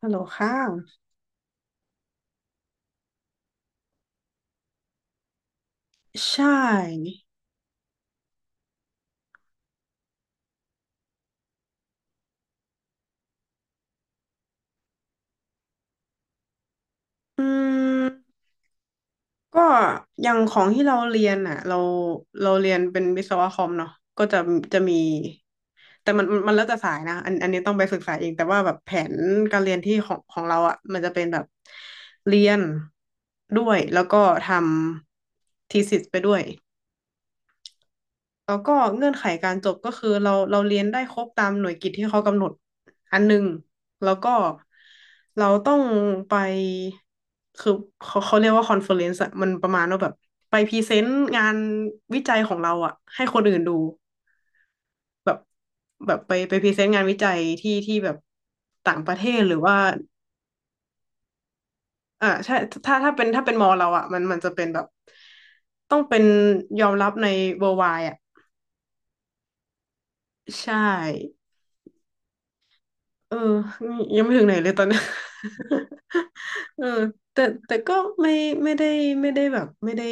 ฮัลโหลค่ะใช่อืมก็อย่างของที่เราเรียนอ่ะเราเรียนเป็นวิศวะคอมเนาะก็จะมีแต่มันแล้วแต่สายนะอันนี้ต้องไปศึกษาเองแต่ว่าแบบแผนการเรียนที่ของเราอ่ะมันจะเป็นแบบเรียนด้วยแล้วก็ทำทีเอสิสไปด้วย แล้วก็เงื่อนไขการจบก็คือเราเรียนได้ครบตามหน่วยกิตที่เขากำหนดอันหนึ่งแล้วก็เราต้องไปคือเขาเรียกว่าคอนเฟอเรนซ์อะมันประมาณว่าแบบไปพรีเซนต์งานวิจัยของเราอะให้คนอื่นดูแบบแบบไปพรีเซนต์งานวิจัยที่แบบต่างประเทศหรือว่าอ่าใช่ถ้าเป็นมอเราอะมันจะเป็นแบบต้องเป็นยอมรับใน worldwide อะใช่ เออนี่ยังไม่ถึงไหนเลยตอนเนี้ย เออแต่แต่ก็ไม่ไม่ได้ไม่ได้แบบไม่ได้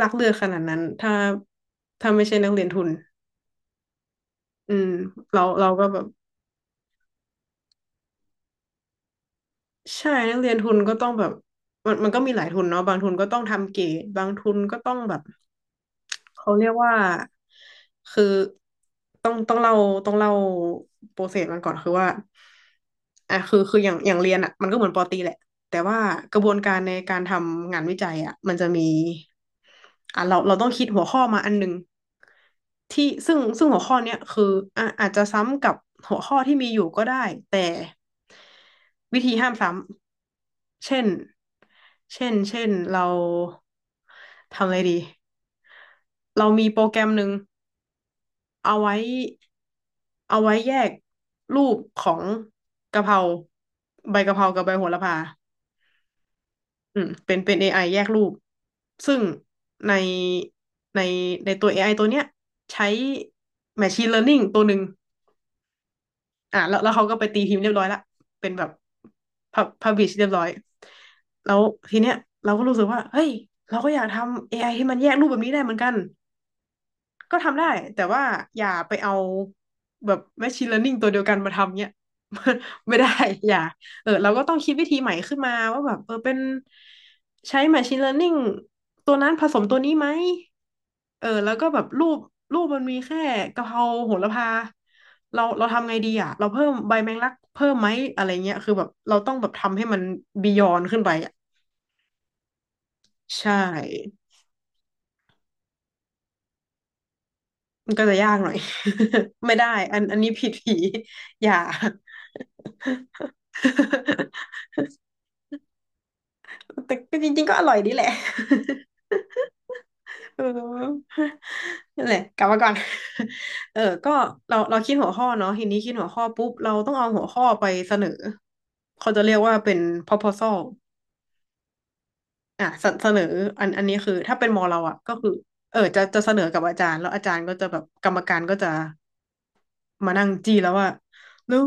รักเลือดขนาดนั้นถ้าไม่ใช่นักเรียนทุนอืมเราก็แบบใช่นักเรียนทุนก็ต้องแบบมันก็มีหลายทุนเนาะบางทุนก็ต้องทำเก๋บางทุนก็ต้องแบบ เขาเรียกว่าคือต้องต้องเล่าต้องเล่าโปรเซสมันก่อนคือว่าอ่ะคืออย่างเรียนอ่ะมันก็เหมือนปอตรีแหละแต่ว่ากระบวนการในการทำงานวิจัยอ่ะมันจะมีอ่ะเราต้องคิดหัวข้อมาอันหนึ่งที่ซึ่งหัวข้อเนี้ยคืออ่ะอาจจะซ้ำกับหัวข้อที่มีอยู่ก็ได้แต่วิธีห้ามซ้ำเช่นเช่นเราทำอะไรดี เรามีโปรแกรมหนึ่งเอาไว้เอาไว้แยกรูปของกะเพราใบกะเพรากับใบโหระพาอืมเป็น AI แยกรูปซึ่งในในในตัว AI ตัวเนี้ยใช้ Machine Learning ตัวหนึ่งอ่ะแล้วเขาก็ไปตีพิมพ์เรียบร้อยละเป็นแบบพับลิชเรียบร้อยแล้วทีเนี้ยเราก็รู้สึกว่าเฮ้ยเราก็อยากทำ AI ให้มันแยกรูปแบบนี้ได้เหมือนกัน ก็ทำได้แต่ว่าอย่าไปเอาแบบ machine learning ตัวเดียวกันมาทำเนี่ย ไม่ได้ อย่าเออเราก็ต้องคิดวิธีใหม่ขึ้นมาว่าแบบเออเป็นใช้ machine learning ตัวนั้นผสมตัวนี้ไหมเออแล้วก็แบบรูปมันมีแค่กะเพราโหระพาเราทำไงดีอ่ะเราเพิ่มใบแมงลักเพิ่มไหมอะไรเงี้ยคือแบบเราต้องแบบทำให้มันบียอนขึ้นไปอ่ะใช่ มันก็จะยากหน่อย ไม่ได้อันนี้ผิดผีอย่า แต่ก็จริงๆก็อร่อยดีแหละ เออนั่นแหละกลับมาก่อน เออก็เราคิดหัวข้อเนาะทีนี้คิดหัวข้อปุ๊บเราต้องเอาหัวข้อไปเสนอเขาจะเรียกว่าเป็น proposal อ่ะเสนออันนี้คือถ้าเป็นมอเราอ่ะก็คือเออจะเสนอกับอาจารย์แล้วอาจารย์ก็จะแบบกรรมการก็จะ มานั่งจี้แล้วว่าแล้ว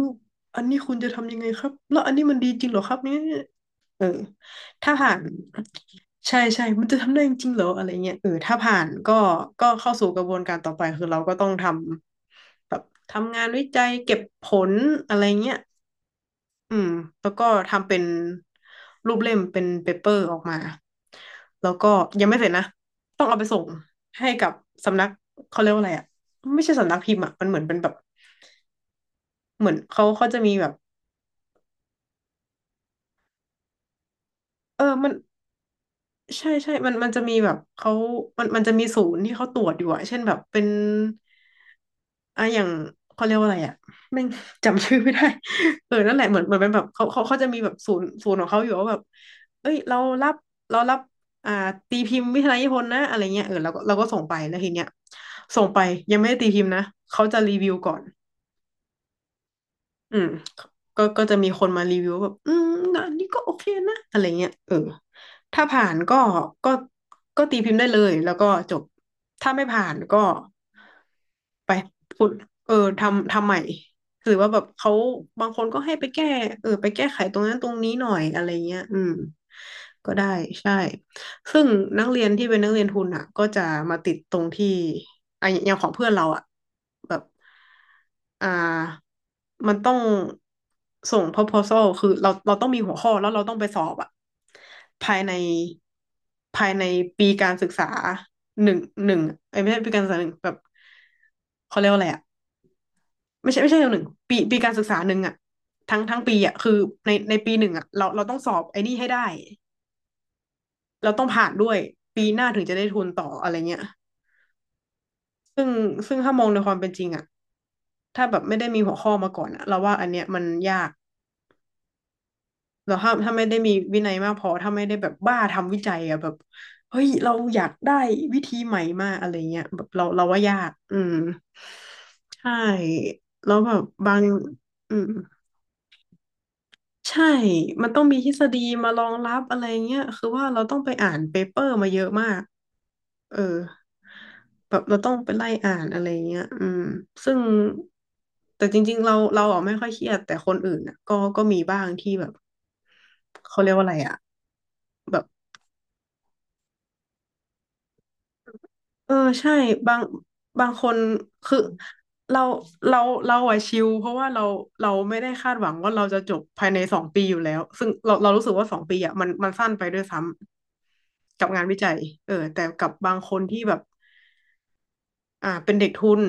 อันนี้คุณจะทำยังไงครับแล้วอันนี้มันดีจริงเหรอครับเนี่ยเออถ้าผ่าน ใช่มันจะทำได้จริงๆเหรออะไรเงี้ยเออถ้าผ่านก็ก็เข้าสู่กระบวนการต่อไปคือเราก็ต้องทำแบบทำงานวิจัยเก็บผลอะไรเงี้ยอืมแล้วก็ทำเป็นรูปเล่มเป็นเปเปอร์ออกมา แล้วก็ยังไม่เสร็จนะ ต้องเอาไปส่งให้กับสำนักเขาเรียกว่าอะไรอ่ะไม่ใช่สำนักพิมพ์อ่ะมันเหมือนเป็นแบบ เหมือนเขาจะมีแบบเออมันใช่มันจะมีแบบเขามันจะมีศูนย์ที่เขาตรวจอยู่อะเช่นแบบเป็นอ่ะอย่างเขาเรียกว่าอะไรอะแม่ง จำชื่อไม่ได้ เออนั่นแหละเหมือนเป็นแบบเขาจะมีแบบศูนย์ของเขาอยู่ว่าแบบเอ้ยรับเรารับอ่าตีพิมพ์วิทยาลนิพนธ์นะอะไรเงี้ยเออเราก็ส่งไปแล้วทีเนี้ยส่งไปยังไม่ได้ตีพิมพ์นะเขาจะรีวิวก่อน อืมก็จะมีคนมารีวิวแบบอืมนะอันนี้ก็โอเคนะอะไรเงี้ยเออถ้าผ่านก็ก็ก็ตีพิมพ์ได้เลยแล้วก็จบถ้าไม่ผ่านก็ไปคุณเออทำใหม่หรือว่าแบบเขาบางคนก็ให้ไปแก้เออไปแก้ไขตรงนั้นตรงนี้หน่อยอะไรเงี้ยอืมก็ได้ใช่ ซึ่งนักเรียนที่เป็นนักเรียนทุนอ่ะก็จะมาติดตรงที่อ่ะอย่างของเพื่อนเราอ่ะแบบอ่ามันต้องส่ง proposal คือเราต้องมีหัวข้อแล้วเราต้องไปสอบอ่ะภายในภายในปีการศึกษาหนึ่งหนึ่งเอ้ยไม่ใช่ปีการศึกษาหนึ่งแบบเขาเรียกว่าอะไรอ่ะไม่ใช่เทอนหนึ่งปีการศึกษาหนึ่งอ่ะทั้งปีอ่ะคือในปีหนึ่งอ่ะเราต้องสอบไอ้นี่ให้ได้ เราต้องผ่านด้วยปีหน้าถึงจะได้ทุนต่ออะไรเงี้ยซึ่งซึ่งถ้ามองในความเป็นจริงอะถ้าแบบไม่ได้มีหัวข้อมาก่อนอะเราว่าอันเนี้ยมันยากแล้วถ้าไม่ได้มีวินัยมากพอถ้าไม่ได้แบบบ้าทำวิจัยอะแบบเฮ้ยเราอยากได้วิธีใหม่มากอะไรเงี้ยแบบเราว่ายากอืมใช่แล้วแบบบางอืม ใช่ มันต้องมีทฤษฎีมารองรับอะไรเงี้ย คือว่าเราต้องไปอ่านเปเปอร์มาเยอะมาก เออแบบเราต้องไปไล่อ่านอะไรเงี้ยอืมซึ่งแต่จริงๆเราอะไม่ค่อยเครียดแต่คนอื่นอ่ะก็มีบ้างที่แบบเขาเรียกว่าอะไรอ่ะ เออใช่บางบางคนคือเราเราเราอะชิลเพราะว่าเราไม่ได้คาดหวังว่าเราจะจบภายในสองปีอยู่แล้วซึ่งเรารู้สึกว่าสองปีอะมันสั้นไปด้วยซ้ำกับงานวิจัยเออแต่กับบางคนที่แบบอ่าเป็นเด็กทุน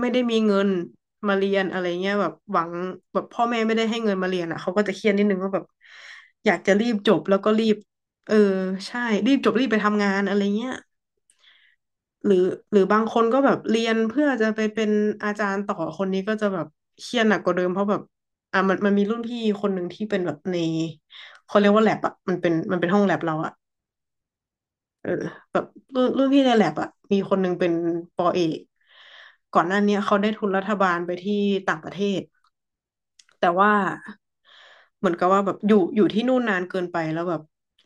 ไม่ได้มีเงินมาเรียนอะไรเงี้ยแบบหวังแบบพ่อแม่ไม่ได้ให้เงินมาเรียนอะเขาก็จะเครียดนิดนึงว่าแบบอยากจะรีบจบแล้วก็รีบเออใช่รีบจบรีบไปทำงานอะไรเงี้ย หรือหรือบางคนก็แบบเรียนเพื่อจะไปเป็นอาจารย์ต่อคนนี้ก็จะแบบเครียดหนักกว่าเดิมเพราะแบบอ่ะมันมีรุ่นพี่คนหนึ่งที่เป็นแบบในเขาเรียกว่าแลบอ่ะมันเป็นห้องแลบเราอ่ะเออแบบรุ่นพี่ในแลบอ่ะมีคนหนึ่งเป็นปอเอกก่อนหน้าเนี้ยเขาได้ทุนรัฐบาลไปที่ต่างประเทศแต่ว่าเหมือนกับว่าแบบอยู่ที่นู่นนานเกินไปแล้วแบบ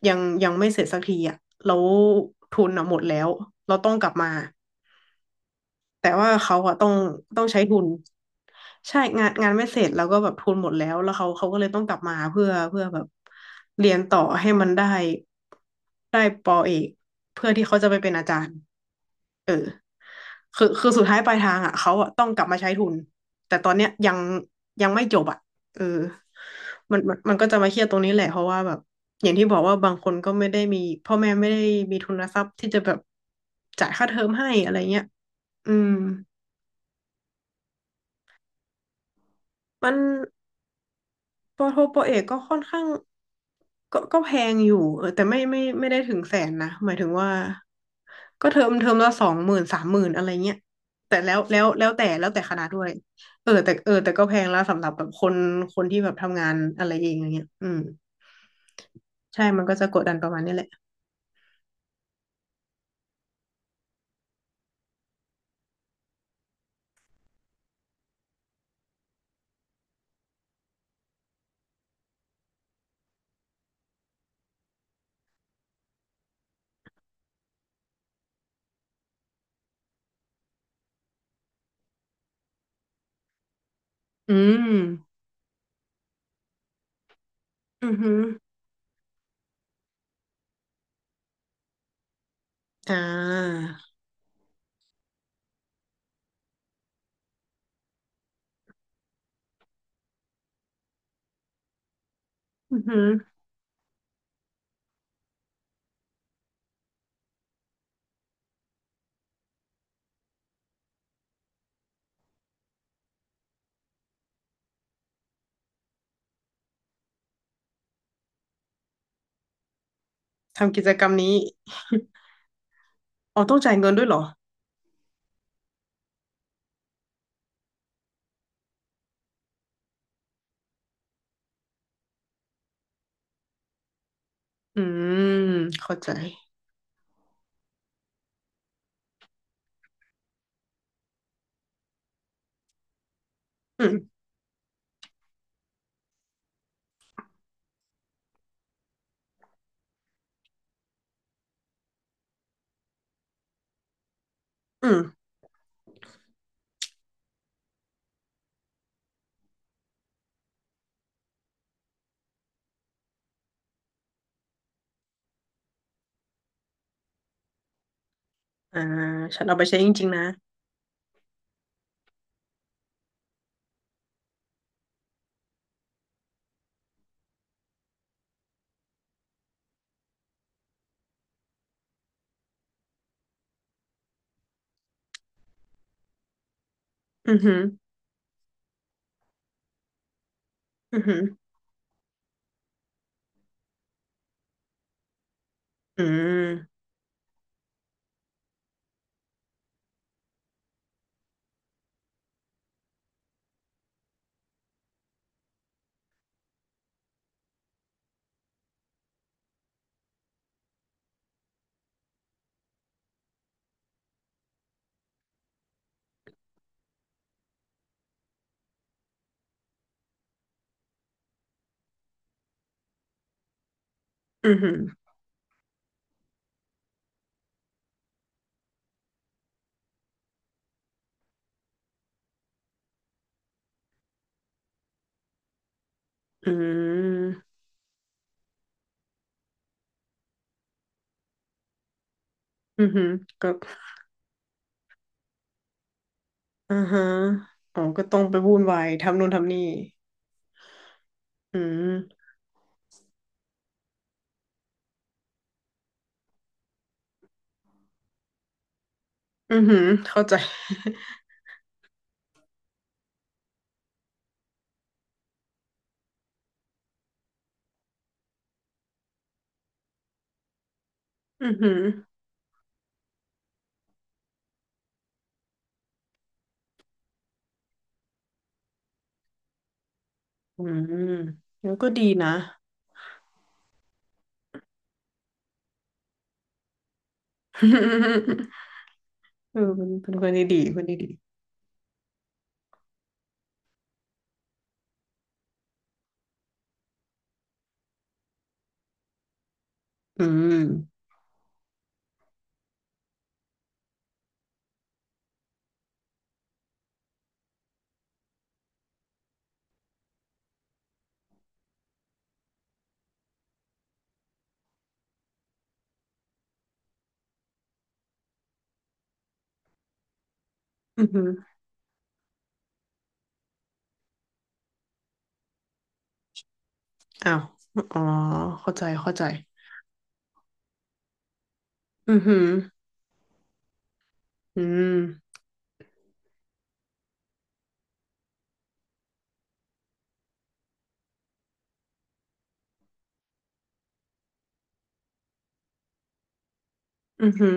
ยังไม่เสร็จสักทีอ่ะแล้วทุนอ่ะหมดแล้วเราต้องกลับมา แต่ว่าเขาอะต้องใช้ทุนใช่งานไม่เสร็จแล้วก็แบบทุนหมดแล้วแล้วเขาก็เลยต้องกลับมาเพื่อแบบเรียนต่อให้มันได้ปอเอกเพื่อที่เขาจะไปเป็นอาจารย์คือสุดท้ายปลายทางอ่ะเขาอะต้องกลับมาใช้ทุนแต่ตอนเนี้ยยังไม่จบอ่ะเออมันก็จะมาเครียดตรงนี้แหละเพราะว่าแบบอย่างที่บอกว่าบางคนก็ไม่ได้มีพ่อแม่ไม่ได้มีทุนทรัพย์ที่จะแบบจ่ายค่าเทอมให้อะไรเงี้ยอืมมัน ปอโทปอเอกก็ค่อนข้างก็แพงอยู่เออแต่ไม่ได้ถึงแสนนะหมายถึงว่าก็เทอมละสองหมื่นสามหมื่นอะไรเงี้ยแต่แล้วแล้วแล้วแต่แล้วแต่คณะด้วยเออแต่ก็แพงแล้วสำหรับแบบคนที่แบบทำงานอะไรเองอย่างเงี้ยอืมใช่มันก็จะกดดันประมาณนี้แหละอืมอือหืออ่าอือหือทำกิจกรรมนี้ อ๋อต้องจ่ายเงินด้วยเหรออืมเข้าใจอืมอืมอ่าฉันเอาไปใช้จริงๆนะ อือหืออือหืออืมอือหืออืมอือหือก็อ่าฮะอ๋อก็ต้องไปวุ่นวายทำนู่นทำนี่อืมอือหือเข้าใจ อือหืออืมแล้วก็ดีนะ เออเป็นคนดีดีคนดีดีอืมอือหืออ้าวอ๋อเข้าใจเข้าใจอือหืออืมอือหือ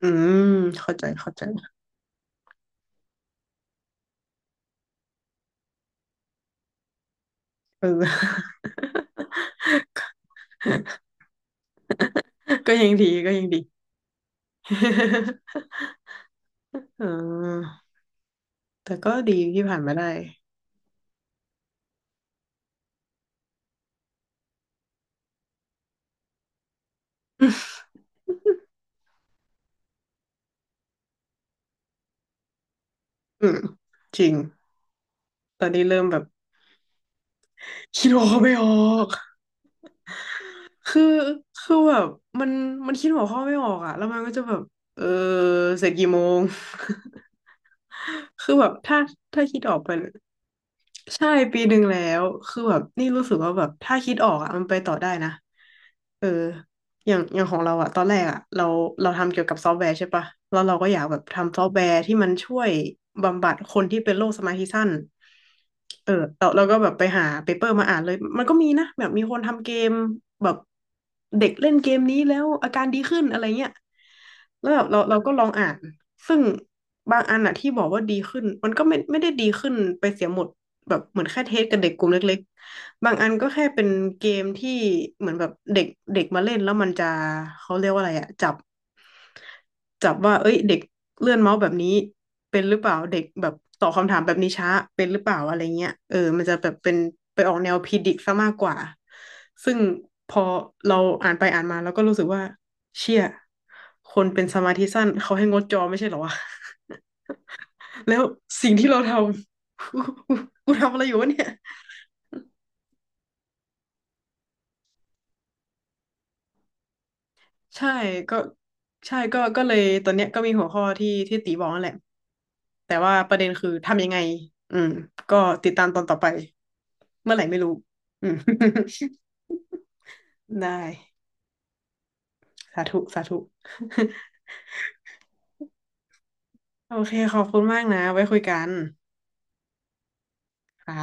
อืมเข้าใจเข้าใจเออ ก็ยังดีก็ยังดี อ่าแต่ก็ดีที่ผ่านมาได้อืมจริง ตอนนี้เริ่มแบบคิดหัวข้อไม่ออก คือคือแบบมันมันคิดหัวข้อไม่ออกอะแล้วมันก็จะแบบเออเสร็จกี่โมง คือแบบถ้าคิดออกเป็น ใช่ปีหนึ่งแล้วคือแบบนี่รู้สึกว่าแบบถ้าคิดออกอ่ะมันไปต่อได้นะเอออย่างของเราอ่ะตอนแรกอ่ะเราทำเกี่ยวกับซอฟต์แวร์ใช่ปะแล้วเราก็อยากแบบทำซอฟต์แวร์ที่มันช่วยบำบัดคนที่เป็นโรคสมาธิสั้นเออเราก็แบบไปหาเปเปอร์มาอ่านเลยมันก็มีนะแบบมีคนทำเกมแบบเด็กเล่นเกมนี้แล้วอาการดีขึ้นอะไรเงี้ย แล้วแบบเราก็ลองอ่านซึ่งบางอันอะที่บอกว่าดีขึ้นมันก็ไม่ได้ดีขึ้นไปเสียหมดแบบเหมือนแค่เทสกับเด็กกลุ่มเล็กๆบางอันก็แค่เป็นเกมที่เหมือนแบบเด็กเด็กมาเล่นแล้วมันจะเขาเรียกว่าอะไรอะจับว่าเอ้ยเด็กเลื่อนเมาส์แบบนี้เป็นหรือเปล่าเด็กแบบตอบคำถามแบบนี้ช้าเป็นหรือเปล่าอะไรเงี้ยเออมันจะแบบเป็นไปออกแนวพีดิกซะมากกว่าซึ่งพอเราอ่านไปอ่านมาเราก็รู้สึกว่า เชี่ย คนเป็นสมาธิสั้นเขาให้งดจอไม่ใช่เหรอวะ แล้วสิ่งที่เราทำ กูกูทำอะไรอยู่วะเนี่ย ใช่ก็ใช่ก็เลยตอนเนี้ยก็มีหัวข้อที่ตีบอกนั่นแหละ แต่ว่าประเด็นคือทำยังไงอืมก็ติดตามตอนต่อไป เมื่อไหร่ไม่รู้อืม ได้ สาธุสาธุ โอเคขอบคุณมากนะไว้คุยกันค่ะ